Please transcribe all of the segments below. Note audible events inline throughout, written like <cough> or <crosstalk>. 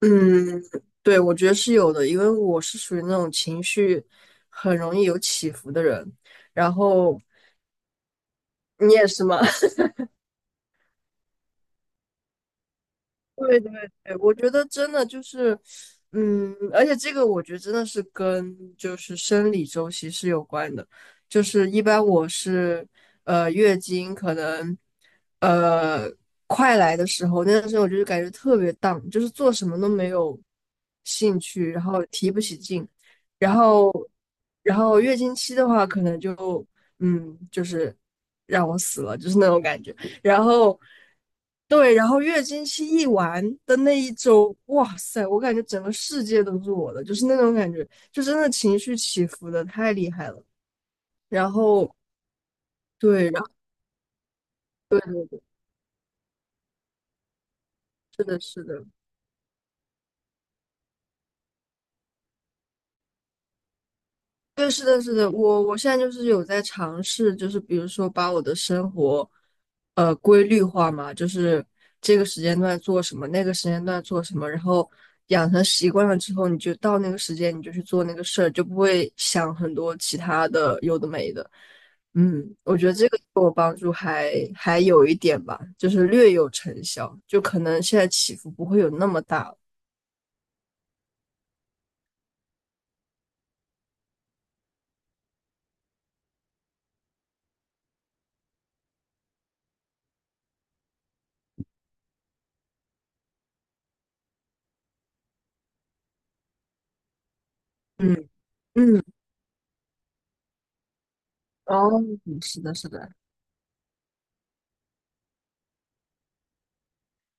嗯，对，我觉得是有的，因为我是属于那种情绪很容易有起伏的人，然后你也是吗？<laughs> 对对对，我觉得真的就是，嗯，而且这个我觉得真的是跟就是生理周期是有关的，就是一般我是月经可能呃快来的时候，那段时间我就是感觉特别 down，就是做什么都没有兴趣，然后提不起劲，然后然后月经期的话，可能就嗯就是让我死了，就是那种感觉。然后对，然后月经期一完的那一周，哇塞，我感觉整个世界都是我的，就是那种感觉，就真的情绪起伏的太厉害了。然后对，然后对，是的，是的。对，是的，是的，我现在就是有在尝试，就是比如说把我的生活，规律化嘛，就是这个时间段做什么，那个时间段做什么，然后养成习惯了之后，你就到那个时间你就去做那个事儿，就不会想很多其他的有的没的。嗯，我觉得这个对我帮助还有一点吧，就是略有成效，就可能现在起伏不会有那么大了。嗯嗯。哦，是的，是的。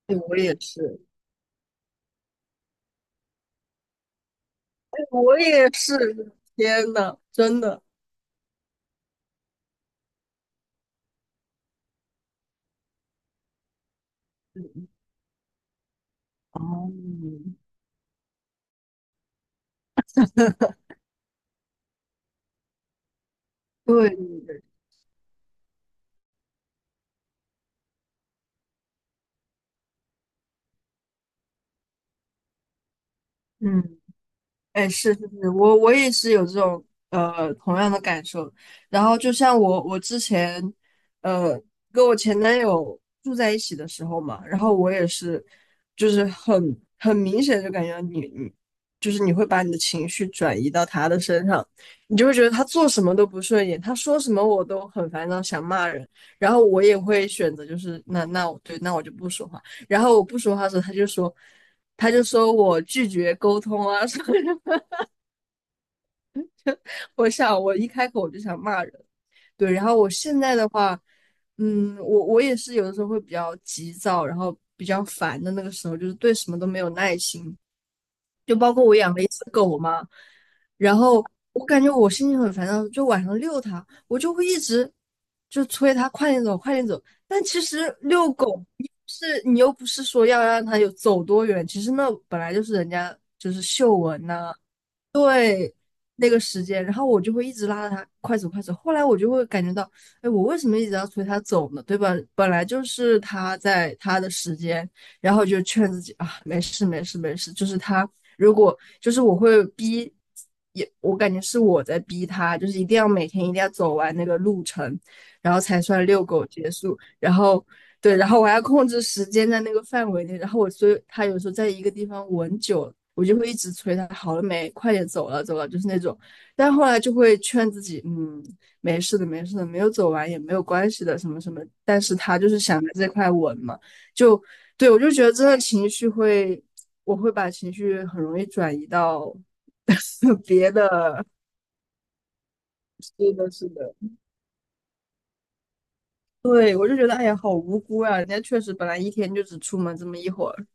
对，我也是。我也是，天呐，真的。哦，对对对。嗯。哎，是是是，我也是有这种同样的感受。然后就像我之前呃跟我前男友住在一起的时候嘛，然后我也是就是很很明显就感觉你就是你会把你的情绪转移到他的身上，你就会觉得他做什么都不顺眼，他说什么我都很烦躁，想骂人。然后我也会选择就是那我对那我就不说话。然后我不说话的时候，他就说。他就说我拒绝沟通啊什么什 <laughs> 我想我一开口我就想骂人，对。然后我现在的话，嗯，我也是有的时候会比较急躁，然后比较烦的那个时候，就是对什么都没有耐心。就包括我养了一只狗，然后我感觉我心情很烦躁，就晚上遛它，我就会一直就催它快点走，快点走。但其实遛狗是你又不是说要让它有走多远，其实那本来就是人家就是嗅闻呐、对，那个时间，然后我就会一直拉着他快走快走。后来我就会感觉到，哎，我为什么一直要催他走呢？对吧？本来就是他在他的时间，然后就劝自己啊，没事没事没事。就是他如果就是我会逼，也我感觉是我在逼他，就是一定要每天一定要走完那个路程，然后才算遛狗结束。然后对，然后我还要控制时间在那个范围内，然后我所以他有时候在一个地方吻久了，我就会一直催他好了没，快点走了走了，就是那种，但后来就会劝自己，嗯，没事的没事的，没有走完也没有关系的什么什么，但是他就是想着这块吻嘛，就对我就觉得真的情绪会，我会把情绪很容易转移到 <laughs> 别的。是的是的。对，我就觉得，哎呀，好无辜啊！人家确实本来一天就只出门这么一会儿。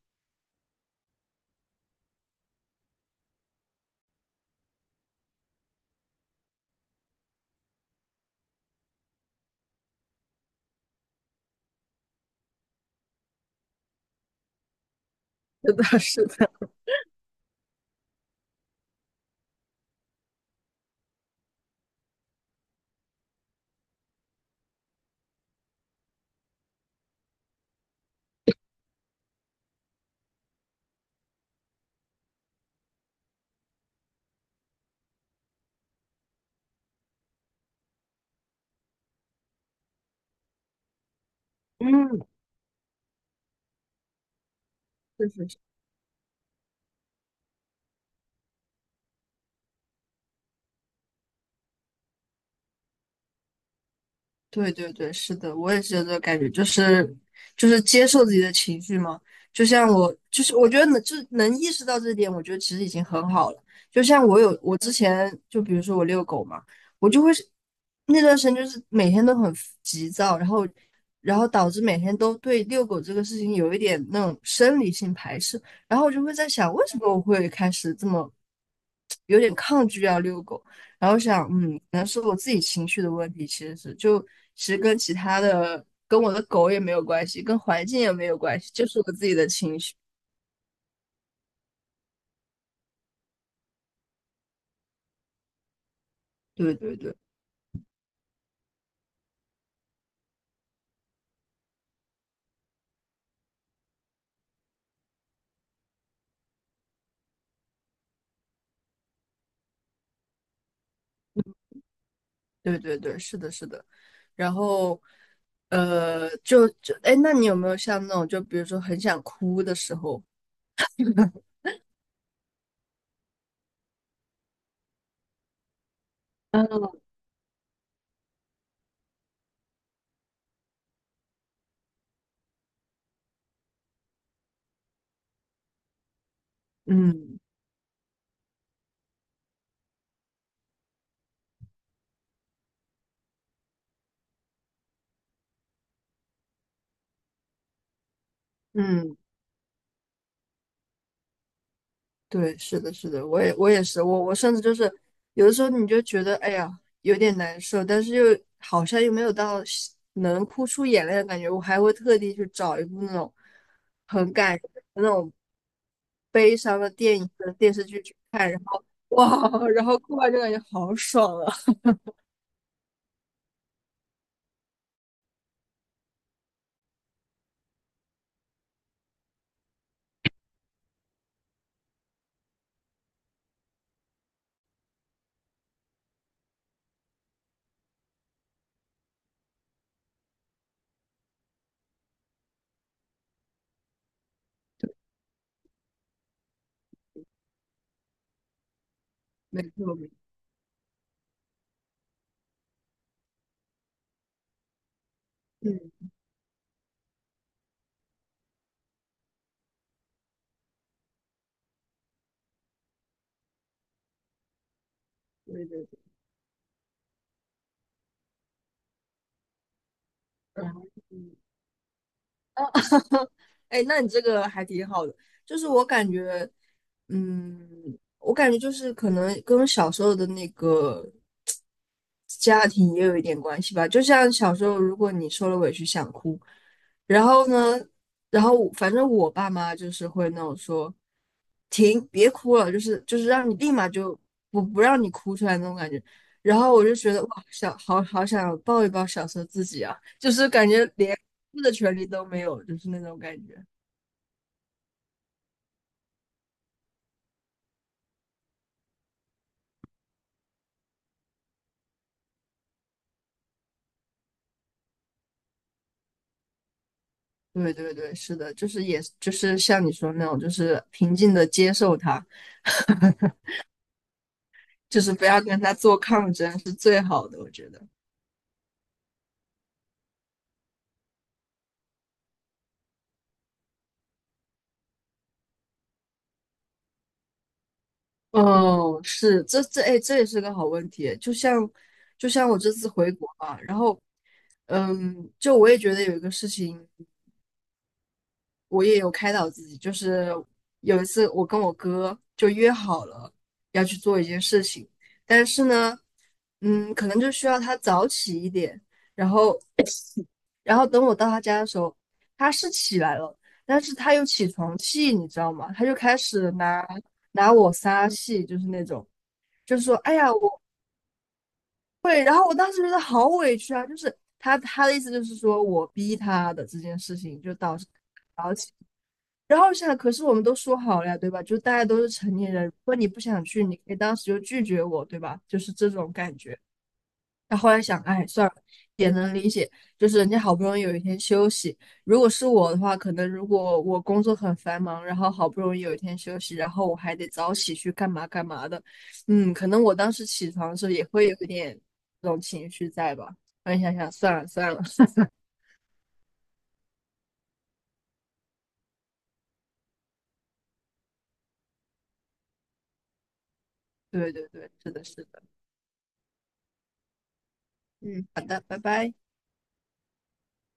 <laughs> 是的，是的。嗯，确实，是。对对对，是的，我也是有这个感觉，就是就是接受自己的情绪嘛。就像我，就是我觉得能就是能意识到这一点，我觉得其实已经很好了。就像我有我之前，就比如说我遛狗嘛，我就会是那段时间就是每天都很急躁，然后导致每天都对遛狗这个事情有一点那种生理性排斥，然后我就会在想，为什么我会开始这么有点抗拒要遛狗？然后想，嗯，可能是我自己情绪的问题，其实是就其实跟其他的，跟我的狗也没有关系，跟环境也没有关系，就是我自己的情绪。对对对对对对，是的，是的。然后，就就，哎，那你有没有像那种，就比如说很想哭的时候？嗯嗯嗯。对，是的，是的，我也是，我我甚至就是有的时候你就觉得哎呀有点难受，但是又好像又没有到是能哭出眼泪的感觉，我还会特地去找一部那种很感人的那种悲伤的电影和电视剧去看，然后哇，然后哭完就感觉好爽啊！<laughs> 没错，没错。嗯，对对对。<laughs> 哎，那你这个还挺好的，就是我感觉，嗯，我感觉就是可能跟小时候的那个家庭也有一点关系吧。就像小时候，如果你受了委屈想哭，然后呢，然后我反正我爸妈就是会那种说，停，别哭了，就是让你立马就不让你哭出来那种感觉。然后我就觉得哇，想好好想抱一抱小时候自己啊，就是感觉连。么的权利都没有，就是那种感觉。对对对，是的，就是也就是像你说那种，就是平静的接受它。 <laughs>，就是不要跟他做抗争是最好的，我觉得。哦，是，这这哎，这也是个好问题。就像就像我这次回国嘛，然后嗯，就我也觉得有一个事情我也有开导自己，就是有一次我跟我哥就约好了要去做一件事情，但是呢，嗯，可能就需要他早起一点，然后然后等我到他家的时候，他是起来了，但是他又起床气，你知道吗？他就开始拿我撒气，就是那种，就是说，哎呀，我会，然后我当时觉得好委屈啊，就是他他的意思就是说我逼他的这件事情就导致。然后想，可是我们都说好了呀，对吧？就大家都是成年人，如果你不想去，你可以当时就拒绝我，对吧？就是这种感觉。那后来想，哎，算了，也能理解，就是人家好不容易有一天休息。如果是我的话，可能如果我工作很繁忙，然后好不容易有一天休息，然后我还得早起去干嘛干嘛的，嗯，可能我当时起床的时候也会有一点这种情绪在吧。然后你想想，算了算了。<laughs> 对对对，是的，是的，嗯，好的，拜拜。